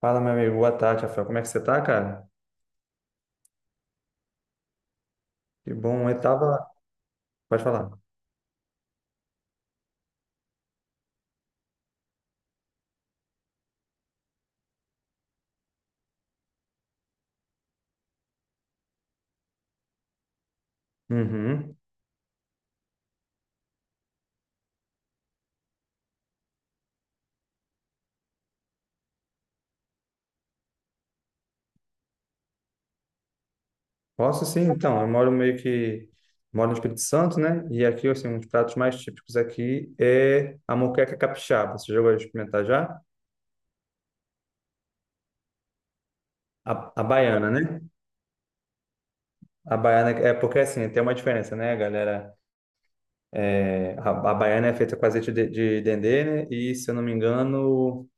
Fala, meu amigo. Boa tarde, Rafael. Como é que você tá, cara? Que bom. Pode falar. Uhum. Posso sim, então. Eu moro meio que... Moro no Espírito Santo, né? E aqui, assim, um dos pratos mais típicos aqui é a moqueca capixaba. Você já vai experimentar já? A baiana, né? A baiana. É porque, assim, tem uma diferença, né, galera? É, a baiana é feita com azeite de dendê, né? E, se eu não me engano,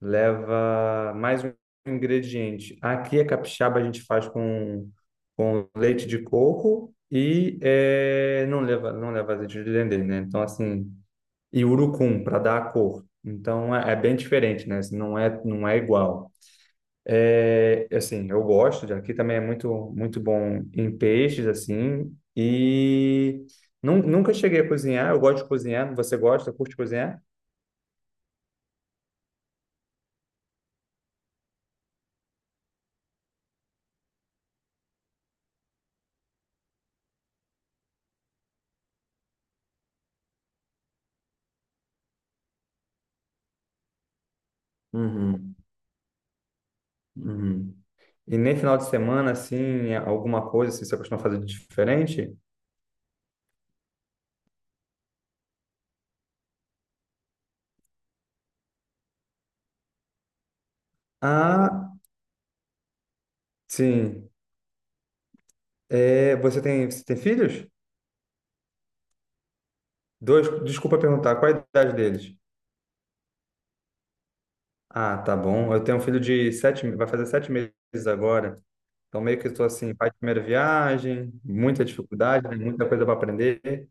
leva mais um ingrediente. Aqui a capixaba a gente faz com leite de coco e não leva azeite de dendê, né? Então assim, e urucum para dar a cor. Então é bem diferente, né? Assim, não é igual. É, assim, eu gosto de aqui também é muito muito bom em peixes assim e nunca cheguei a cozinhar, eu gosto de cozinhar. Você gosta, curte cozinhar? Uhum, uhum. E nem final de semana, assim, é alguma coisa, assim, você costuma fazer de diferente? Ah, sim. É, você tem filhos? Dois, desculpa perguntar, qual a idade deles? Ah, tá bom. Eu tenho um filho de sete, vai fazer 7 meses agora. Então, meio que estou assim, pai de primeira viagem, muita dificuldade, né, muita coisa para aprender.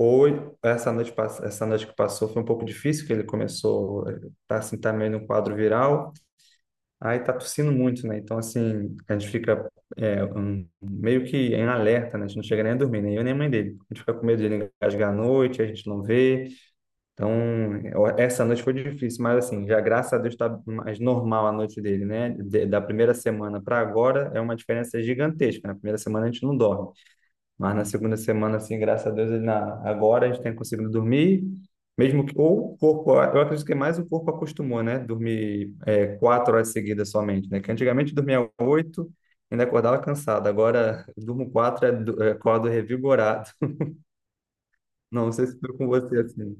Hoje, essa noite que passou foi um pouco difícil, que ele começou, tá assim, tá meio no quadro viral. Aí tá tossindo muito, né? Então, assim, a gente fica meio que em alerta, né? A gente não chega nem a dormir, nem eu nem a mãe dele. A gente fica com medo de ele engasgar à noite, a gente não vê. Então, essa noite foi difícil, mas assim, já graças a Deus tá mais normal a noite dele, né? Da primeira semana para agora é uma diferença gigantesca. Na primeira semana a gente não dorme. Mas na segunda semana, assim, graças a Deus, agora a gente tem conseguido dormir, mesmo que, ou o corpo, eu acredito que mais o corpo acostumou, né? Dormir 4 horas seguidas somente, né? Que antigamente dormia oito, ainda acordava cansado, agora durmo quatro, acordo revigorado. Não sei se foi com você assim.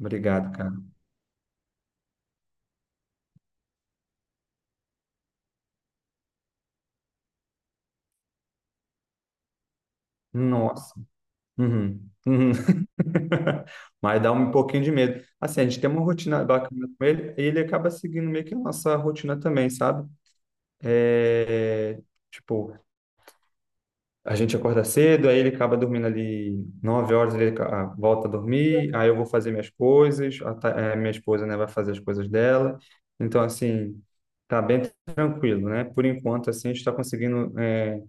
Obrigado, cara. Nossa. Uhum. Uhum. Mas dá um pouquinho de medo. Assim, a gente tem uma rotina bacana com ele, e ele acaba seguindo meio que a nossa rotina também, sabe? É, tipo, a gente acorda cedo, aí ele acaba dormindo ali 9 horas, volta a dormir, aí eu vou fazer minhas coisas, minha esposa, né, vai fazer as coisas dela. Então, assim, tá bem tranquilo, né? Por enquanto, assim, a gente está conseguindo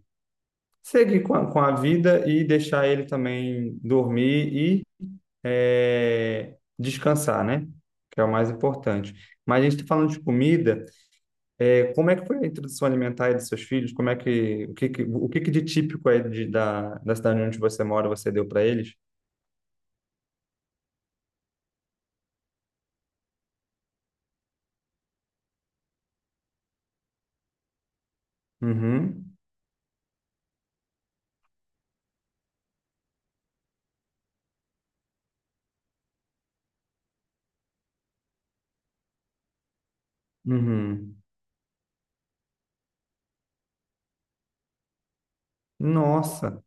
seguir com a vida e deixar ele também dormir e descansar, né? Que é o mais importante. Mas a gente está falando de comida. É, como é que foi a introdução alimentar aí dos seus filhos? Como é que o que de típico aí da cidade onde você mora você deu para eles? Uhum, uhum. Nossa,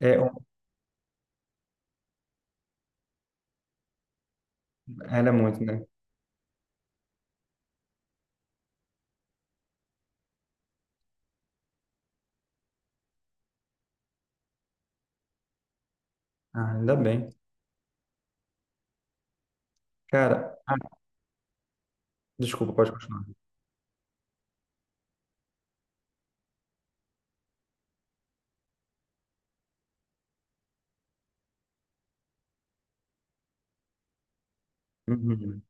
é, era muito, né? Ah, ainda bem. Cara, ah, desculpa, pode continuar. Uhum.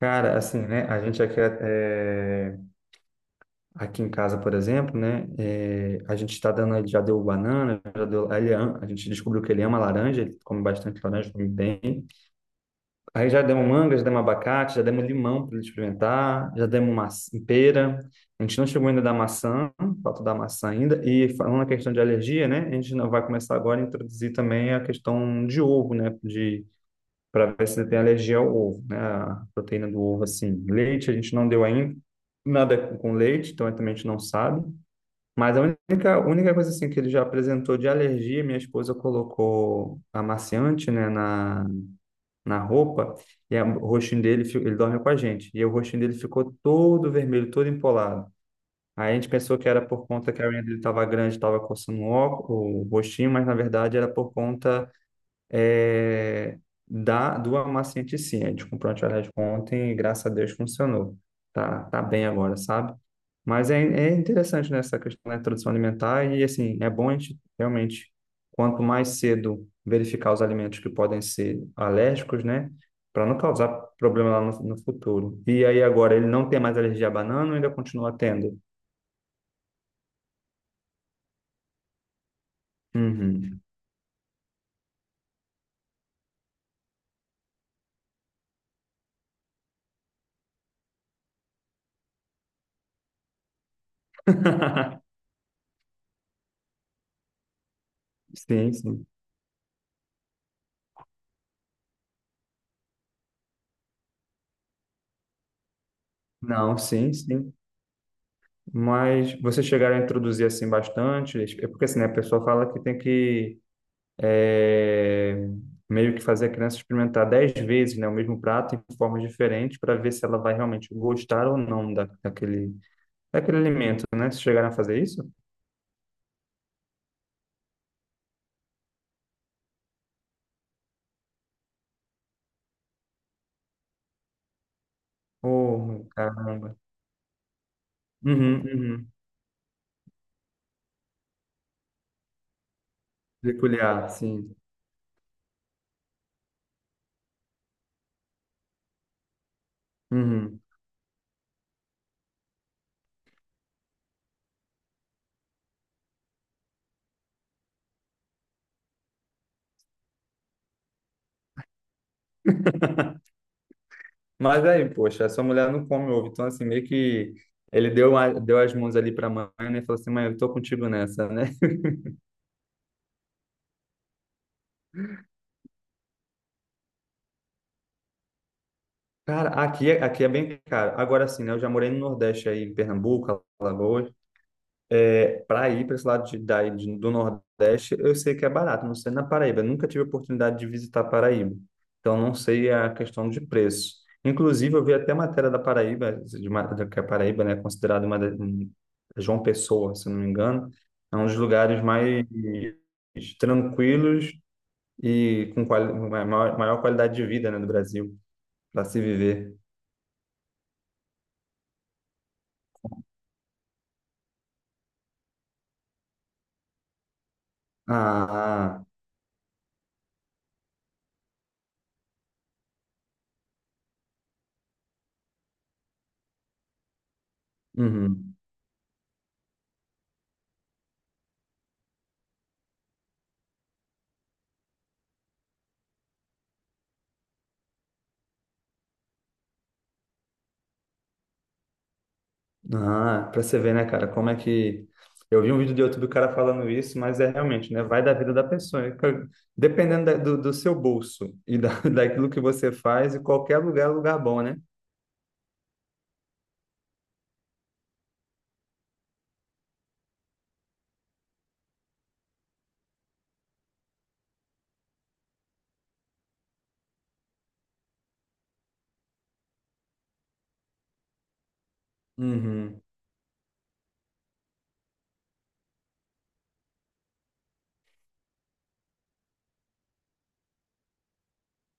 Cara, assim, né? A gente aqui, aqui em casa, por exemplo, né? A gente está dando, ele já deu banana, a gente descobriu que ele ama laranja, ele come bastante laranja, come bem. Aí já demos manga, já demos abacate, já demos limão para ele experimentar, já demos maçã, pera. A gente não chegou ainda da maçã, falta da maçã ainda. E falando na questão de alergia, né? A gente não vai começar agora a introduzir também a questão de ovo, né? De Para ver se ele tem alergia ao ovo, né? A proteína do ovo, assim. Leite a gente não deu ainda nada com leite, então também a gente não sabe. Mas a única coisa assim que ele já apresentou de alergia, minha esposa colocou amaciante, né, na roupa, e o rostinho dele, ele dorme com a gente, e o rostinho dele ficou todo vermelho, todo empolado. Aí a gente pensou que era por conta que a unha dele estava grande, estava coçando o óculos, o rostinho, mas na verdade era por conta é, do amaciante em si. A gente comprou antialérgico ontem e graças a Deus funcionou. Tá bem agora, sabe? Mas é interessante nessa questão da introdução alimentar e, assim, é bom a gente realmente, quanto mais cedo verificar os alimentos que podem ser alérgicos, né? Para não causar problema lá no futuro. E aí agora ele não tem mais alergia à banana ou ainda continua tendo? Uhum. Sim, sim. Não, sim, sim. Mas vocês chegaram a introduzir assim bastante? É porque assim, né, a pessoa fala que tem que é, meio que fazer a criança experimentar 10 vezes, né, o mesmo prato em formas diferentes para ver se ela vai realmente gostar ou não daquele alimento, né? Vocês chegaram a fazer isso? Oh, caramba. Uhum, uhum. Peculiar, sim. Uhum. Mas aí, poxa, essa mulher não come ovo, então assim, meio que ele deu, deu as mãos ali para a mãe, né, e falou assim, mãe, eu tô contigo nessa, né? Cara, aqui, aqui é bem caro. Agora sim, né? Eu já morei no Nordeste aí, em Pernambuco, Alagoas. É, para ir para esse lado daí, do Nordeste, eu sei que é barato. Não sei na Paraíba. Eu nunca tive a oportunidade de visitar Paraíba. Então, não sei a questão de preço. Inclusive, eu vi até matéria da Paraíba, que a Paraíba, né, é considerada João Pessoa, se eu não me engano, é um dos lugares mais tranquilos e com maior qualidade de vida, né, do Brasil, para se viver. Ah, uhum. Ah, pra você ver, né, cara, como é que. Eu vi um vídeo do YouTube do cara falando isso, mas é realmente, né? Vai da vida da pessoa. E, cara, dependendo do seu bolso e daquilo que você faz, e qualquer lugar é lugar bom, né? Uhum.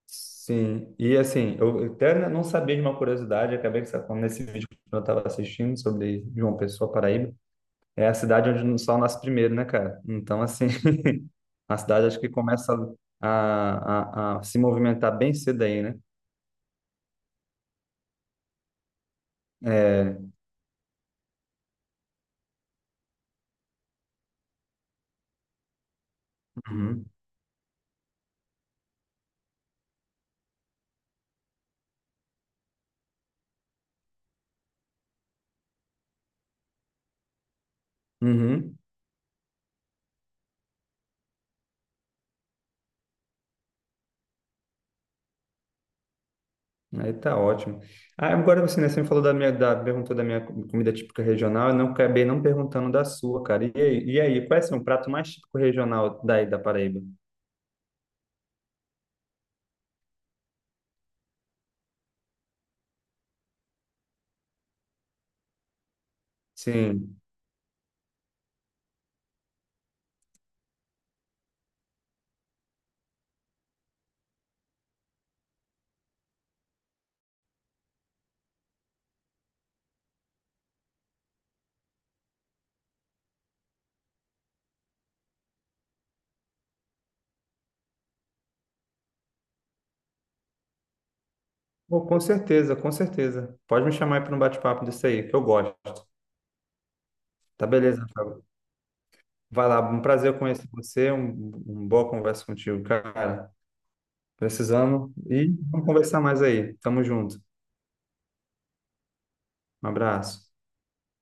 Sim. E assim, eu até não sabia de uma curiosidade, acabei sacando nesse vídeo que eu estava assistindo sobre João Pessoa, Paraíba. É a cidade onde o sol nasce primeiro, né, cara? Então, assim, a cidade acho que começa a se movimentar bem cedo aí, né? É. Uhum. Uhum. Aí tá ótimo. Ah, agora você, né, você me falou da minha, da, perguntou da minha comida típica regional, eu não acabei não perguntando da sua, cara. E aí, qual é assim, o prato mais típico regional daí da Paraíba? Sim. Pô, com certeza, com certeza. Pode me chamar aí para um bate-papo disso aí, que eu gosto. Tá beleza, Rafael. Vai lá, um prazer conhecer você, um boa conversa contigo, cara. Precisamos e vamos conversar mais aí. Tamo junto. Um abraço.